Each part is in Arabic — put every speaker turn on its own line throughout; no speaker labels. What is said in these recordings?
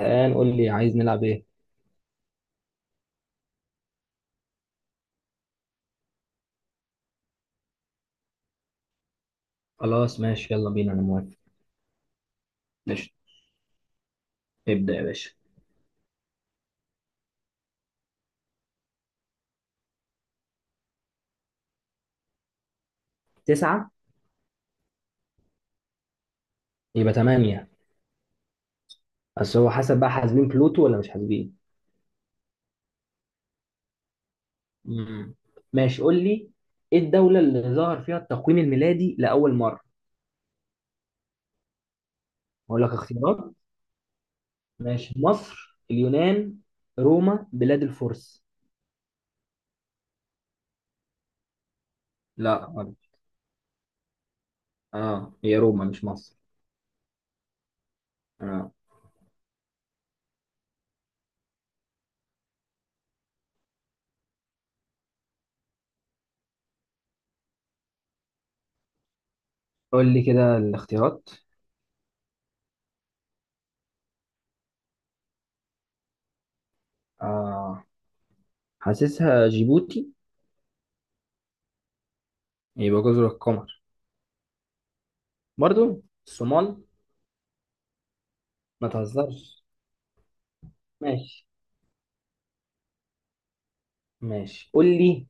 الآن قول لي عايز نلعب إيه؟ خلاص ماشي يلا بينا أنا موافق. ماشي ابدأ يا باشا. تسعة. يبقى تمانية. بس هو حسب بقى حاسبين بلوتو ولا مش حاسبين؟ مم. ماشي قول لي، إيه الدولة اللي ظهر فيها التقويم الميلادي لأول مرة؟ أقول لك اختيارات. ماشي، مصر، اليونان، روما، بلاد الفرس. لا غلط. اه هي روما مش مصر. اه، قول لي كده الاختيارات. آه حاسسها جيبوتي. يبقى جزر القمر. برضو الصومال. ما تهزرش. ماشي. ماشي قول لي،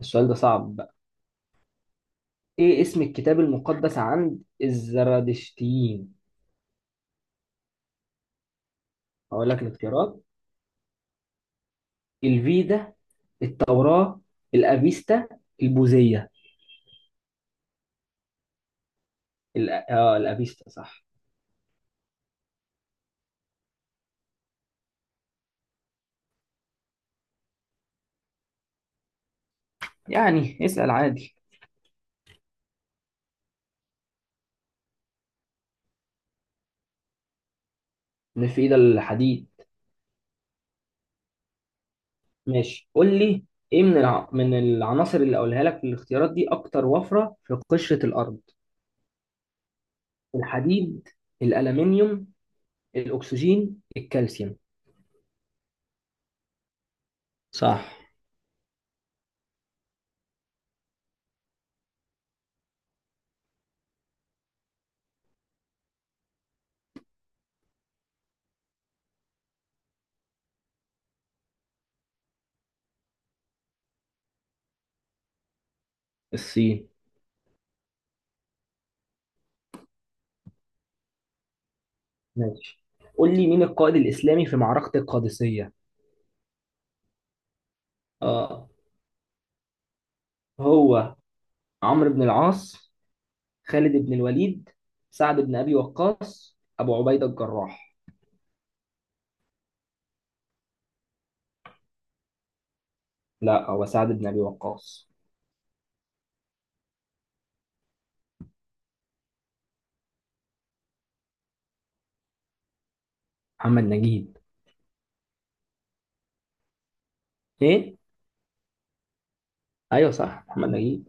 السؤال ده صعب بقى. ايه اسم الكتاب المقدس عند الزرادشتيين؟ هقول لك الاختيارات: الفيدا، التوراة، الأفيستا، البوذية. الأ... اه الأفيستا صح. يعني اسأل عادي. مش في ايد الحديد. ماشي قول لي. ايه من من العناصر اللي اقولها لك في الاختيارات دي اكتر وفرة في قشرة الارض؟ الحديد، الألمنيوم، الأكسجين، الكالسيوم. صح. الصين. ماشي قول لي، مين القائد الإسلامي في معركة القادسية؟ آه، هو عمرو بن العاص، خالد بن الوليد، سعد بن أبي وقاص، أبو عبيدة الجراح. لا، هو سعد بن أبي وقاص. محمد نجيب. إيه؟ أيوه صح محمد نجيب.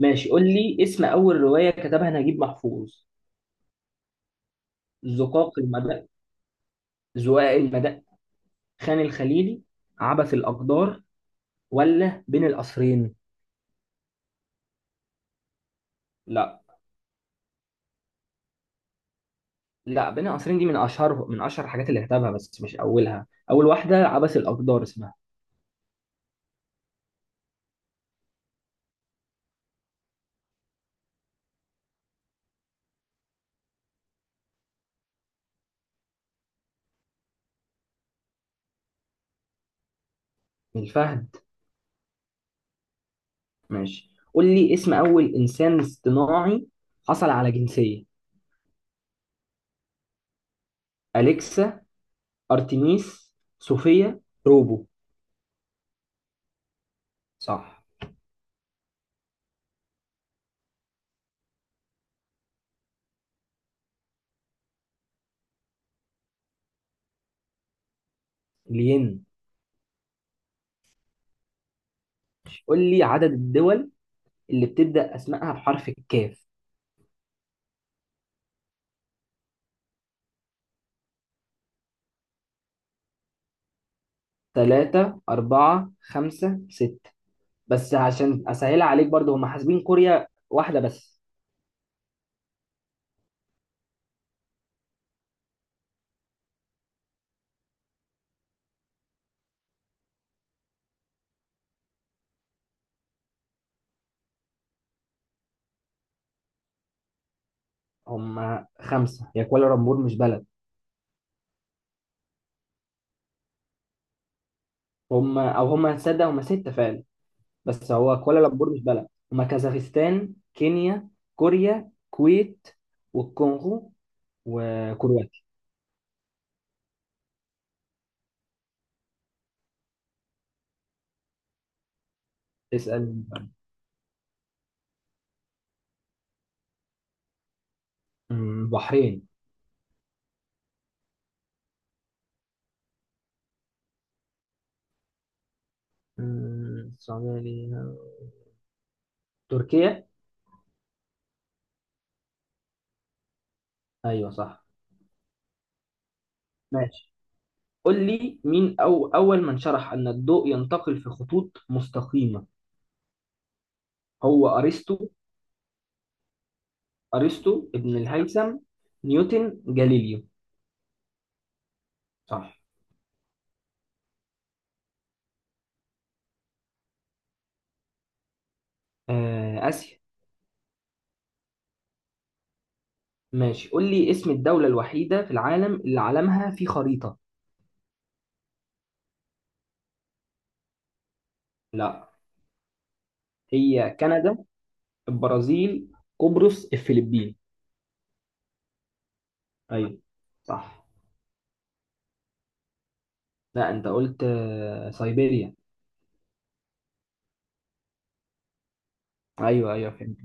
ماشي قول لي اسم أول رواية كتبها نجيب محفوظ. زقاق المدى، زقاق المدى، خان الخليلي، عبث الأقدار، ولا بين القصرين؟ لا. لا، بين القصرين دي من اشهر الحاجات اللي كتبها، بس مش اولها. اول واحده عبث الاقدار اسمها. من الفهد. ماشي قول لي اسم اول انسان اصطناعي حصل على جنسيه: اليكسا، ارتميس، صوفيا، روبو. صح. لين. قول لي عدد الدول اللي بتبدا اسمائها بحرف الكاف: ثلاثة، أربعة، خمسة، ستة. بس عشان أسهلها عليك برضو، هم حاسبين كوريا واحدة بس. هم خمسة، هي كوالا لامبور مش بلد. هم تصدق هم ستة فعلا. بس هو كوالالمبور مش بلد. هم كازاخستان، كينيا، كوريا، كويت، والكونغو، وكرواتيا. اسأل. بحرين. السعودية ليها. تركيا. ايوه صح. ماشي قول لي، مين أو اول من شرح ان الضوء ينتقل في خطوط مستقيمة؟ هو ارسطو. ارسطو، ابن الهيثم، نيوتن، جاليليو. صح. اسيا. ماشي قول لي اسم الدولة الوحيدة في العالم اللي علمها في خريطة. لا. هي كندا، البرازيل، قبرص، الفلبين. ايوه صح. لا، انت قلت سيبيريا. ايوه، ايوه، فهمت.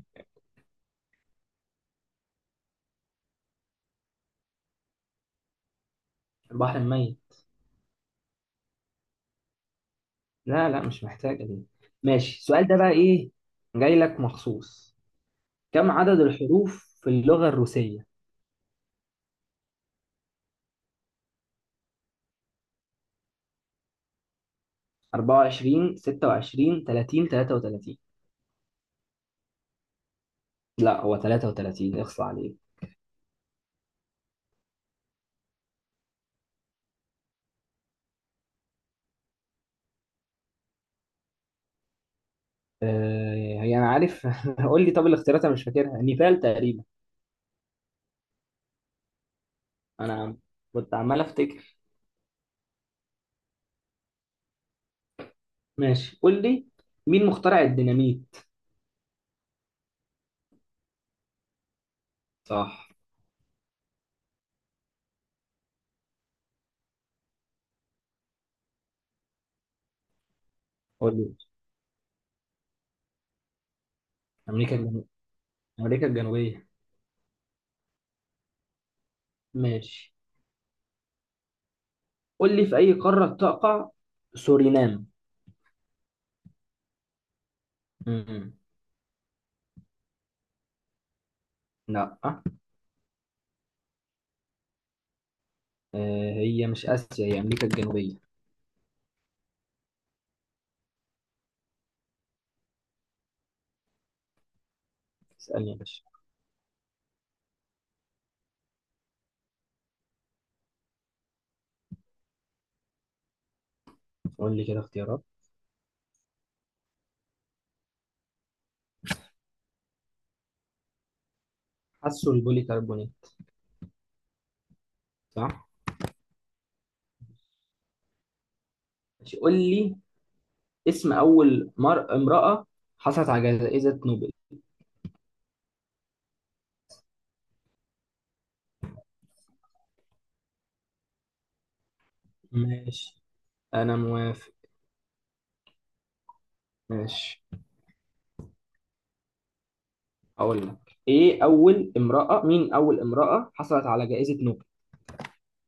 البحر الميت. لا، لا، مش محتاجة دي. ماشي، السؤال ده بقى ايه، جاي لك مخصوص. كم عدد الحروف في اللغة الروسية؟ 24، 26، 30، 33. لا، هو 33، اخصى عليه. آه، هي انا عارف. قول لي طب الاختيارات، انا مش فاكرها، نيبال تقريبا. انا كنت عمال افتكر. ماشي قول لي، مين مخترع الديناميت؟ صح. قول لي. امريكا الجنوبيه امريكا الجنوبيه. ماشي قول لي، في اي قاره تقع سورينام؟ مم. لا. هي مش اسيا، هي امريكا الجنوبيه. اسالني يا باشا. قول لي كده اختيارات. حسوا البولي كربونيت. صح. ماشي قول لي اسم اول امراه حصلت على جائزه نوبل. ماشي انا موافق. ماشي. هقول لك ايه اول امرأة مين اول امرأة حصلت على جائزة نوبل.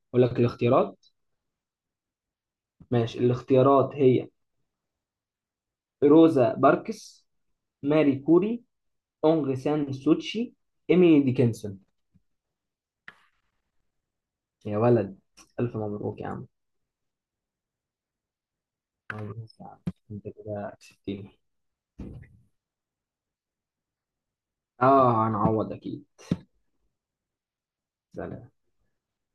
اقول لك الاختيارات. ماشي، الاختيارات هي: روزا باركس، ماري كوري، اونغ سان سوتشي، ايميلي ديكنسون. يا ولد. الف مبروك يا عم. مبروك يا عم. انت كده كسبتني. اه هنعوض اكيد. سلام.